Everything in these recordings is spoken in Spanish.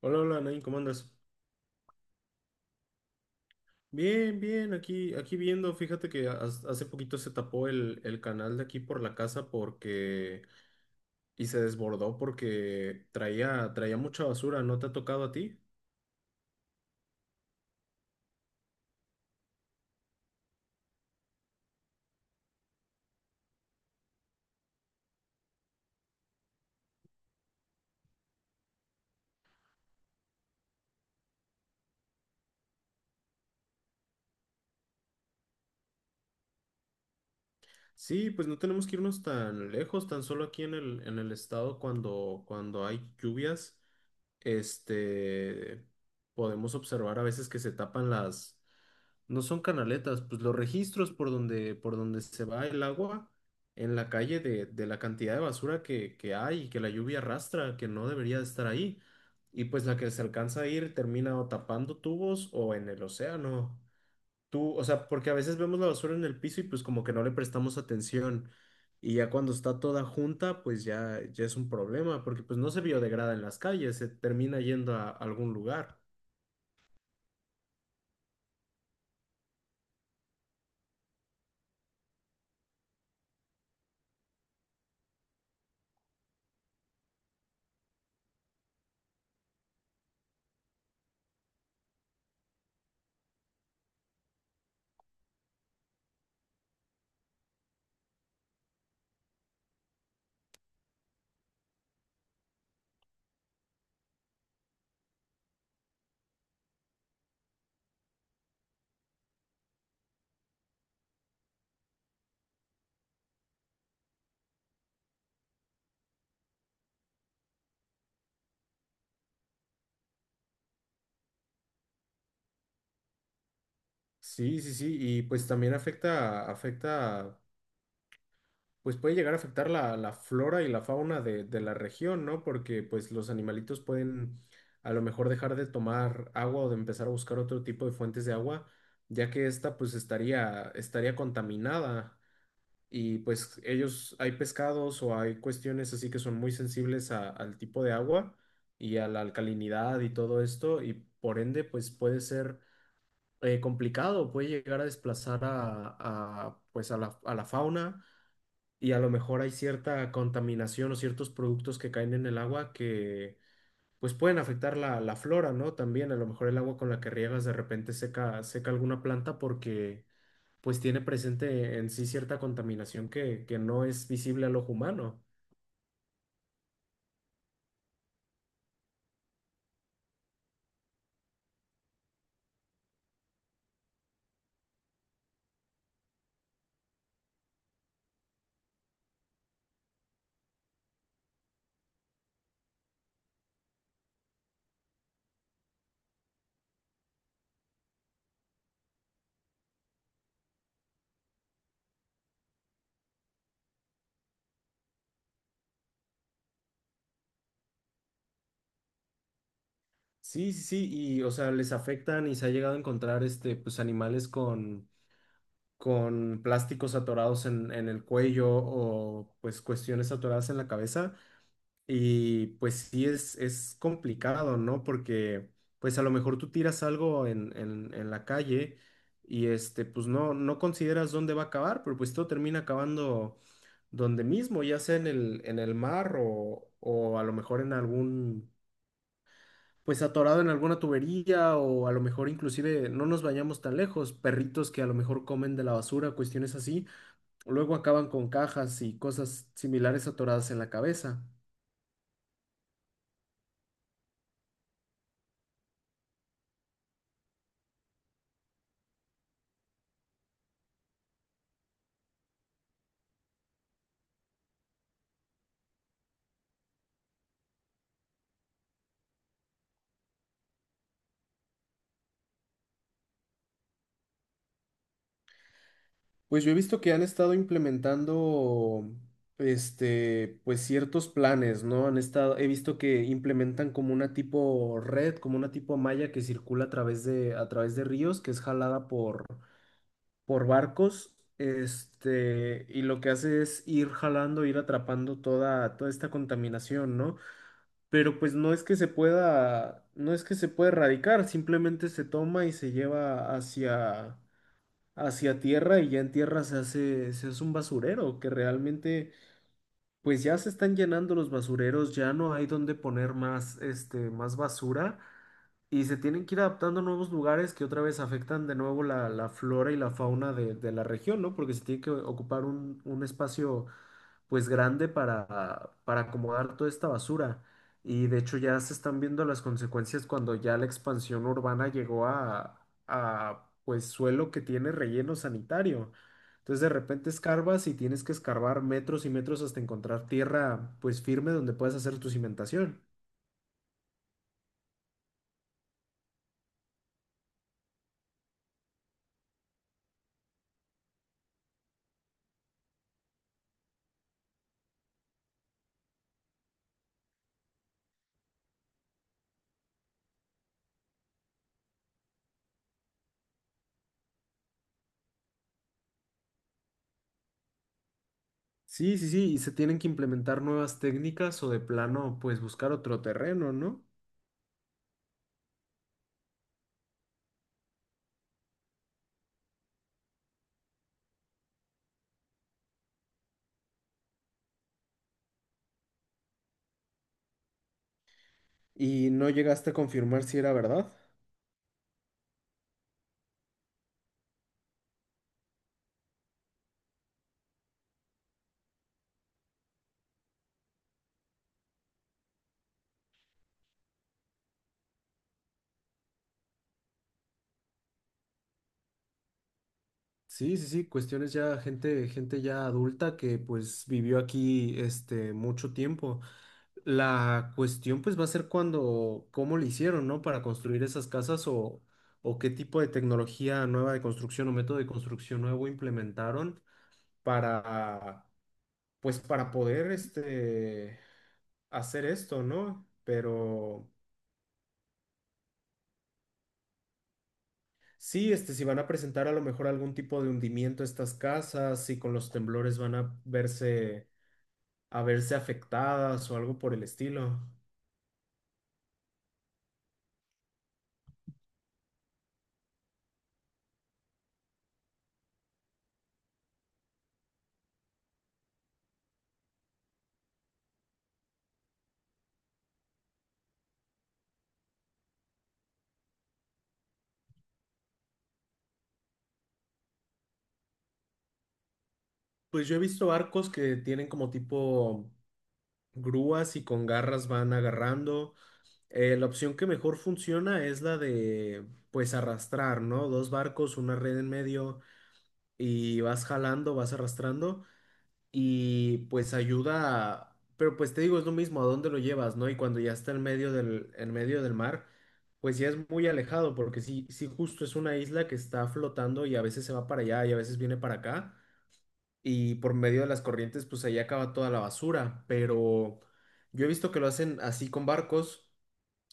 Hola, hola, Nain, ¿cómo andas? Bien, bien, aquí viendo, fíjate que hace poquito se tapó el canal de aquí por la casa porque, y se desbordó porque traía mucha basura, ¿no te ha tocado a ti? Sí, pues no tenemos que irnos tan lejos, tan solo aquí en el estado cuando hay lluvias, este, podemos observar a veces que se tapan las. No son canaletas, pues los registros por donde se va el agua en la calle de la cantidad de basura que hay y que la lluvia arrastra, que no debería de estar ahí. Y pues la que se alcanza a ir termina o tapando tubos o en el océano. Tú, o sea, porque a veces vemos la basura en el piso y pues como que no le prestamos atención. Y ya cuando está toda junta, pues ya es un problema, porque pues no se biodegrada en las calles, se termina yendo a algún lugar. Sí, sí, sí, y pues también afecta pues puede llegar a afectar la flora y la fauna de la región, ¿no? Porque pues los animalitos pueden a lo mejor dejar de tomar agua o de empezar a buscar otro tipo de fuentes de agua, ya que esta pues estaría contaminada y pues ellos hay pescados o hay cuestiones así que son muy sensibles al tipo de agua y a la alcalinidad y todo esto y por ende pues puede ser complicado, puede llegar a desplazar pues a la fauna y a lo mejor hay cierta contaminación o ciertos productos que caen en el agua que pues pueden afectar la flora, ¿no? También a lo mejor el agua con la que riegas de repente seca alguna planta porque pues tiene presente en sí cierta contaminación que no es visible al ojo humano. Sí, sí, sí, y o sea, les afectan y se ha llegado a encontrar pues animales con plásticos atorados en el cuello o pues cuestiones atoradas en la cabeza. Y pues sí es complicado, ¿no? Porque pues a lo mejor tú tiras algo en la calle y pues no consideras dónde va a acabar, pero pues todo termina acabando donde mismo, ya sea en el mar o a lo mejor en algún, pues atorado en alguna tubería o a lo mejor inclusive no nos vayamos tan lejos, perritos que a lo mejor comen de la basura, cuestiones así, luego acaban con cajas y cosas similares atoradas en la cabeza. Pues yo he visto que han estado implementando, pues ciertos planes, ¿no? Han estado, he visto que implementan como una tipo red, como una tipo malla que circula a través de ríos, que es jalada por barcos, y lo que hace es ir jalando, ir atrapando toda esta contaminación, ¿no? Pero pues no es que se pueda erradicar, simplemente se toma y se lleva hacia tierra y ya en tierra se se hace un basurero, que realmente pues ya se están llenando los basureros, ya no hay donde poner más basura y se tienen que ir adaptando a nuevos lugares que otra vez afectan de nuevo la flora y la fauna de la región, ¿no? Porque se tiene que ocupar un espacio pues grande para acomodar toda esta basura. Y de hecho ya se están viendo las consecuencias cuando ya la expansión urbana llegó a pues suelo que tiene relleno sanitario. Entonces de repente escarbas y tienes que escarbar metros y metros hasta encontrar tierra pues firme donde puedas hacer tu cimentación. Sí, sí, sí, y se tienen que implementar nuevas técnicas o de plano, pues buscar otro terreno, ¿no? Y no llegaste a confirmar si era verdad. Sí, sí, sí, cuestiones ya, gente ya adulta que pues vivió aquí mucho tiempo. La cuestión pues va a ser cuando, cómo le hicieron, ¿no? Para construir esas casas o qué tipo de tecnología nueva de construcción o método de construcción nuevo implementaron para, pues para poder hacer esto, ¿no? Pero sí, si van a presentar a lo mejor algún tipo de hundimiento a estas casas, si con los temblores van a a verse afectadas o algo por el estilo. Pues yo he visto barcos que tienen como tipo grúas y con garras van agarrando. La opción que mejor funciona es la de, pues, arrastrar, ¿no? Dos barcos, una red en medio y vas jalando, vas arrastrando. Y pues pero pues te digo, es lo mismo, ¿a dónde lo llevas, no? Y cuando ya está en medio del mar, pues ya es muy alejado, porque sí, justo es una isla que está flotando y a veces se va para allá y a veces viene para acá, y por medio de las corrientes, pues ahí acaba toda la basura, pero yo he visto que lo hacen así con barcos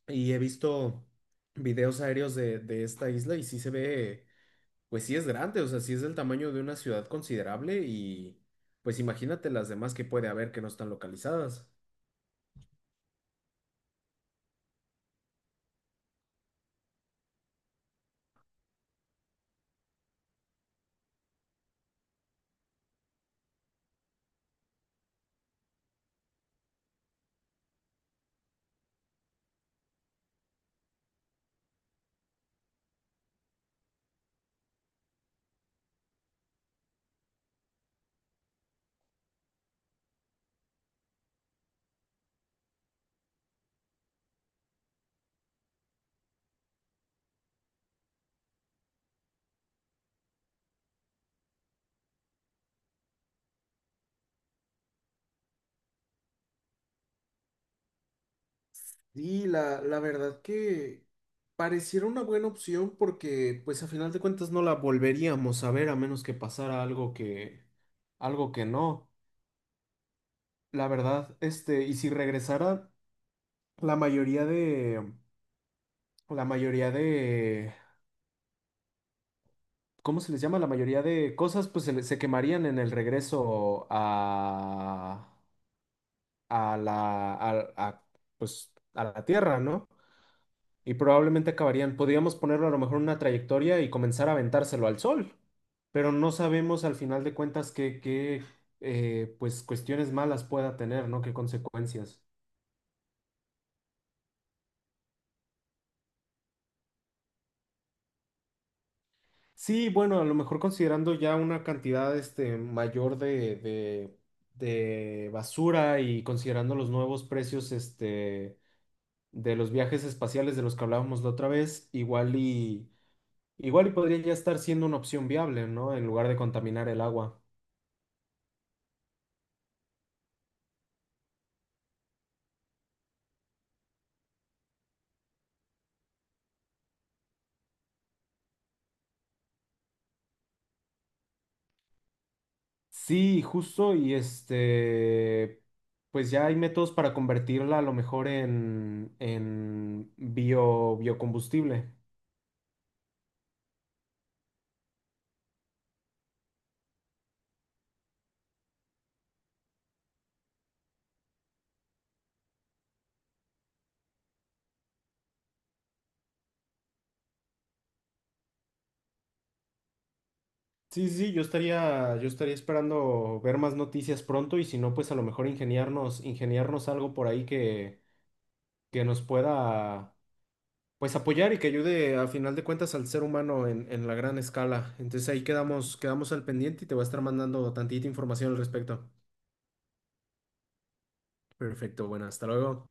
y he visto videos aéreos de esta isla y sí se ve. Pues sí es grande, o sea, sí es del tamaño de una ciudad considerable y pues imagínate las demás que puede haber que no están localizadas. Sí, la verdad que pareciera una buena opción porque pues a final de cuentas no la volveríamos a ver a menos que pasara algo que no. La verdad, y si regresara la mayoría de la mayoría de ¿cómo se les llama? La mayoría de cosas pues se quemarían en el regreso a la, a, pues, a la Tierra, ¿no? Y probablemente acabarían, podríamos ponerlo a lo mejor en una trayectoria y comenzar a aventárselo al Sol, pero no sabemos al final de cuentas qué pues, cuestiones malas pueda tener, ¿no? ¿Qué consecuencias? Sí, bueno, a lo mejor considerando ya una cantidad mayor de basura y considerando los nuevos precios de los viajes espaciales de los que hablábamos la otra vez, igual y podría ya estar siendo una opción viable, ¿no? En lugar de contaminar el agua. Sí, justo, y pues ya hay métodos para convertirla a lo mejor en bio, biocombustible. Sí, sí, yo estaría esperando ver más noticias pronto y si no, pues a lo mejor ingeniarnos algo por ahí que nos pueda pues apoyar y que ayude a final de cuentas al ser humano en la gran escala. Entonces ahí quedamos al pendiente y te voy a estar mandando tantita información al respecto. Perfecto, bueno, hasta luego.